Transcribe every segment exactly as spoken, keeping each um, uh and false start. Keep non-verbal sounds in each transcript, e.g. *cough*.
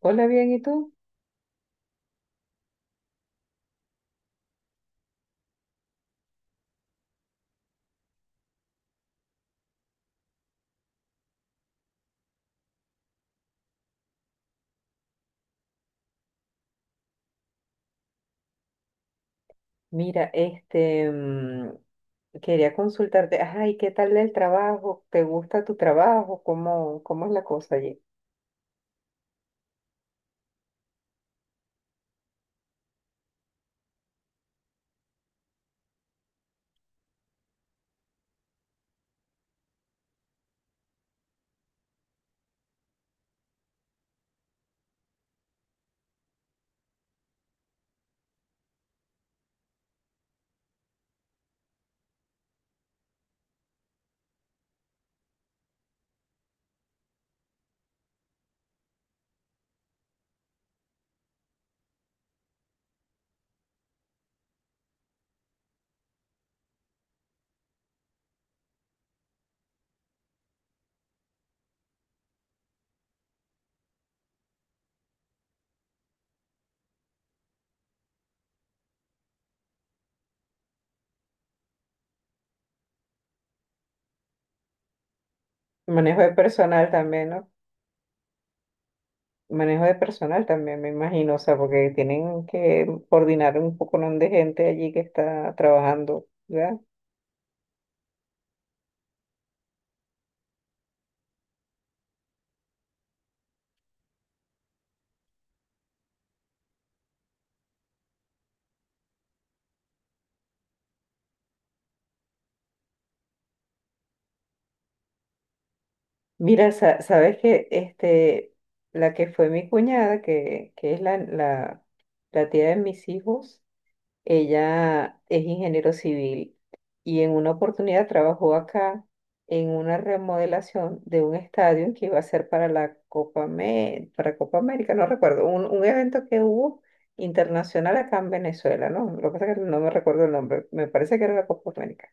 Hola, bien, ¿y tú? Mira, este, mm, quería consultarte, ay, ¿qué tal el trabajo? ¿Te gusta tu trabajo? ¿Cómo, cómo es la cosa allí? Manejo de personal también, ¿no? Manejo de personal también, me imagino, o sea, porque tienen que coordinar un poco, ¿no?, de gente allí que está trabajando, ¿verdad? Mira, sa- sabes que este, la que fue mi cuñada, que, que es la, la, la tía de mis hijos. Ella es ingeniero civil y en una oportunidad trabajó acá en una remodelación de un estadio que iba a ser para la Copa, Amé- para Copa América, no recuerdo, un, un evento que hubo internacional acá en Venezuela, ¿no? Lo que pasa es que no me recuerdo el nombre, me parece que era la Copa América.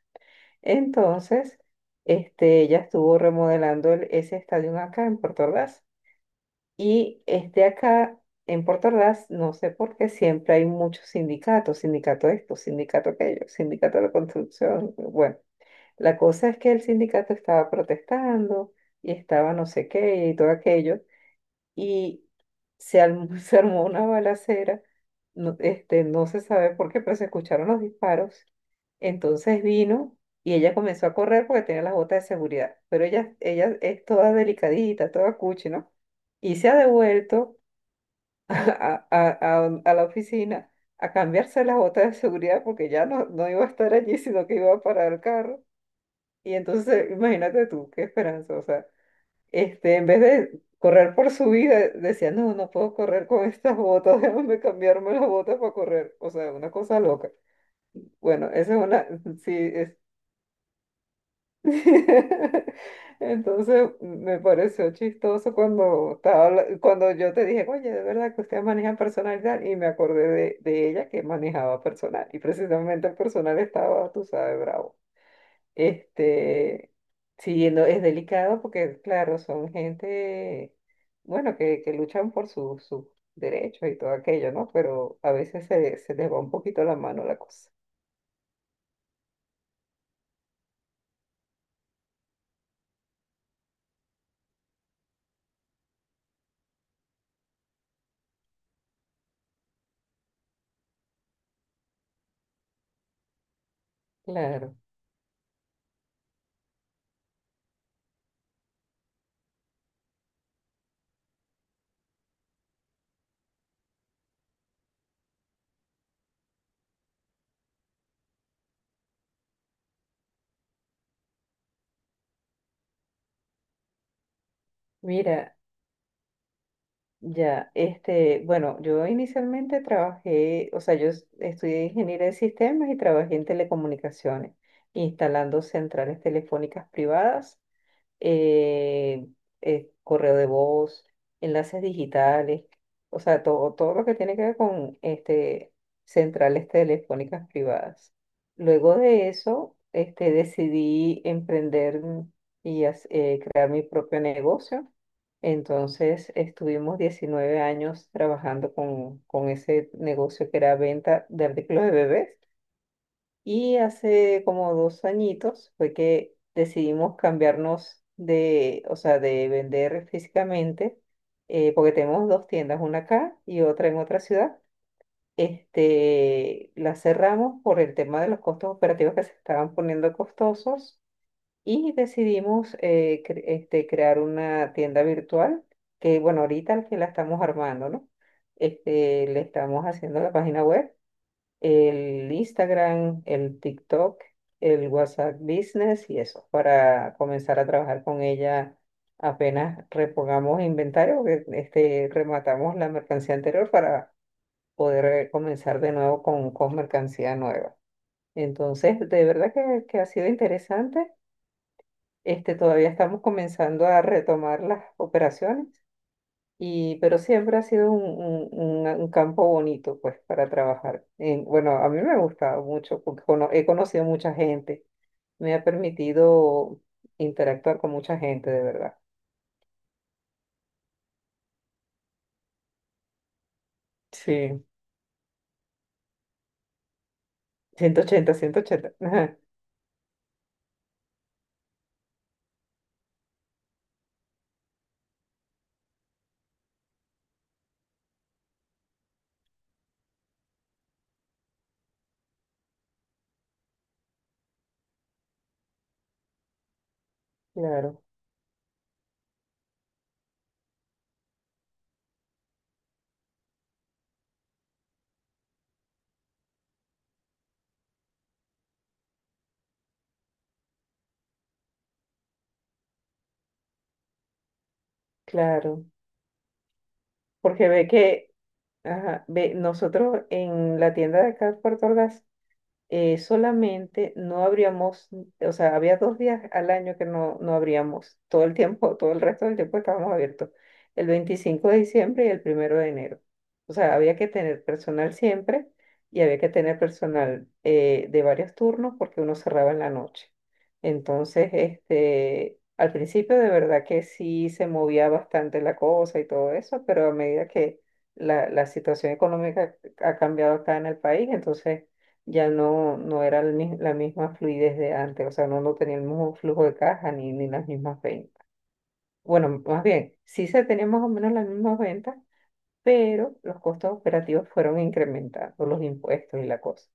Entonces, este, ella estuvo remodelando el- ese estadio acá en Puerto Ordaz. Y este acá, en Puerto Ordaz, no sé por qué siempre hay muchos sindicatos, sindicato esto, sindicato aquello, sindicato de la construcción. Bueno, la cosa es que el sindicato estaba protestando y estaba no sé qué y todo aquello y se, alm- *laughs* se armó una balacera, no, este, no se sabe por qué, pero se escucharon los disparos. Entonces vino y ella comenzó a correr porque tenía las botas de seguridad, pero ella, ella es toda delicadita, toda cuchi, ¿no? Y se ha devuelto *laughs* a, a, a- a la oficina a cambiarse las botas de seguridad porque ya no, no iba a estar allí, sino que iba a parar el carro. Y entonces, imagínate tú, qué esperanza, o sea. Este, en vez de correr por su vida, decía, no, no puedo correr con estas botas, *laughs* déjame cambiarme las botas para correr. O sea, una cosa loca. Bueno, esa es una, *laughs* sí, es... *laughs* Entonces me pareció chistoso cuando estaba, habla- cuando yo te dije, oye, de verdad que usted maneja personalidad y me acordé de, de ella que manejaba personal y precisamente el personal estaba, tú sabes, bravo. Este, sí, no, es delicado porque, claro, son gente, bueno, que, que luchan por su- sus derechos y todo aquello, ¿no? Pero a veces se, se les va un poquito la mano la cosa. Claro. Mira, ya, este, bueno, yo inicialmente trabajé, o sea, yo es- estudié ingeniería de sistemas y trabajé en telecomunicaciones, instalando centrales telefónicas privadas, eh, eh, correo de voz, enlaces digitales, o sea, todo, todo lo que tiene que ver con este, centrales telefónicas privadas. Luego de eso, este, decidí emprender y hac- eh, crear mi propio negocio. Entonces, estuvimos diecinueve años trabajando con, con ese negocio que era venta de artículos de bebés. Y hace como dos añitos fue que decidimos cambiarnos de, o sea, de vender físicamente, eh, porque tenemos dos tiendas, una acá y otra en otra ciudad. Este, la cerramos por el tema de los costos operativos que se estaban poniendo costosos y decidimos eh, cre- este, crear una tienda virtual que, bueno, ahorita que la estamos armando, ¿no? Este, le estamos haciendo la página web, el Instagram, el TikTok, el WhatsApp Business y eso, para comenzar a trabajar con ella apenas repongamos inventario, que, este, rematamos la mercancía anterior para poder eh, comenzar de nuevo con, con mercancía nueva. Entonces, de verdad que, que ha sido interesante. Este, todavía estamos comenzando a retomar las operaciones y, pero siempre ha sido un, un- un- un campo bonito, pues, para trabajar. En- bueno, a mí me ha gustado mucho porque cono- he conocido mucha gente. Me ha permitido interactuar con mucha gente, de verdad. Sí, ciento ochenta, ciento ochenta. Ajá, claro, claro. Porque ve que, ajá, ve, nosotros en la tienda de acá de Puerto eh, solamente no abríamos, o sea, había dos días al año que no, no abríamos, todo el tiempo, *laughs* todo el resto del tiempo estábamos abiertos, el veinticinco de diciembre y el primero de enero. O sea, había que tener personal siempre y había que tener personal eh, de varios turnos porque uno cerraba en la noche. Entonces, este, al principio de verdad que sí se movía bastante la cosa y todo eso, pero a medida que la, la situación económica ha cambiado acá en el país, entonces ya no, no era el mi- la misma fluidez de antes, o sea, no, no tenía el mismo flujo de caja ni, ni las mismas ventas. Bueno, más bien, sí se tenían más o menos las mismas ventas, pero los costos operativos fueron incrementando, los impuestos y la cosa.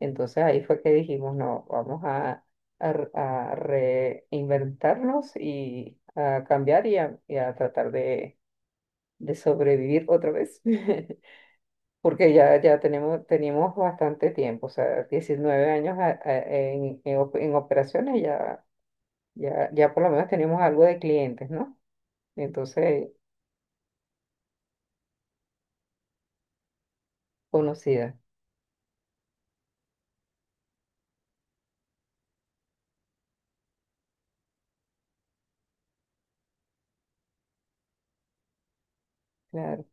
Entonces ahí fue que dijimos, no, vamos a, a r- a reinventarnos y a cambiar y a, y a tratar de, de sobrevivir otra vez. *laughs* Porque ya, ya tenemos, tenemos bastante tiempo, o sea, diecinueve años a- a- en, en, op- en operaciones ya, ya, ya por lo menos tenemos algo de clientes, ¿no? Entonces, conocida, claro,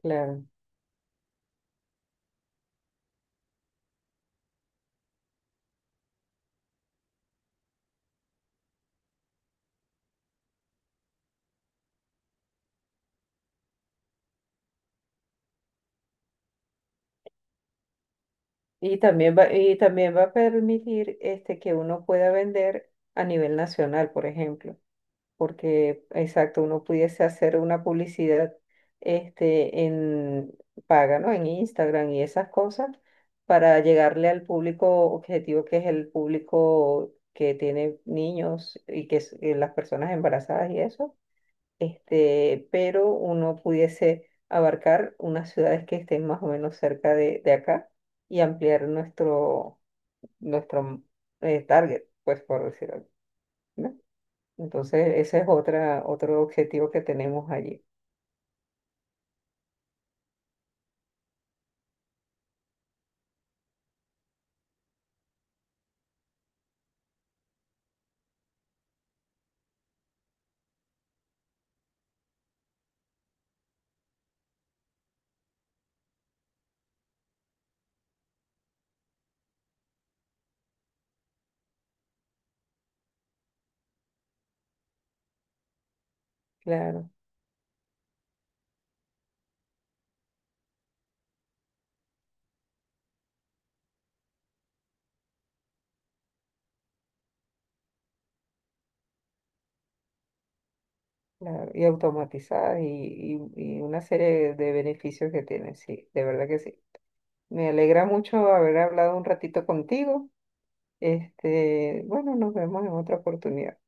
claro. Y también va, y también va a permitir este, que uno pueda vender a nivel nacional, por ejemplo. Porque, exacto, uno pudiese hacer una publicidad este, en paga, ¿no? En Instagram y esas cosas para llegarle al público objetivo que es el público que tiene niños y que es eh, las personas embarazadas y eso, este, pero uno pudiese abarcar unas ciudades que estén más o menos cerca de, de acá y ampliar nuestro, nuestro eh, target, pues por decirlo. ¿No? Entonces, ese es otra, otro objetivo que tenemos allí. Claro, claro. Y automatizadas y, y, y una serie de beneficios que tienen, sí, de verdad que sí. Me alegra mucho haber hablado un ratito contigo. Este, bueno, nos vemos en otra oportunidad.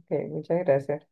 Ok, muchas gracias.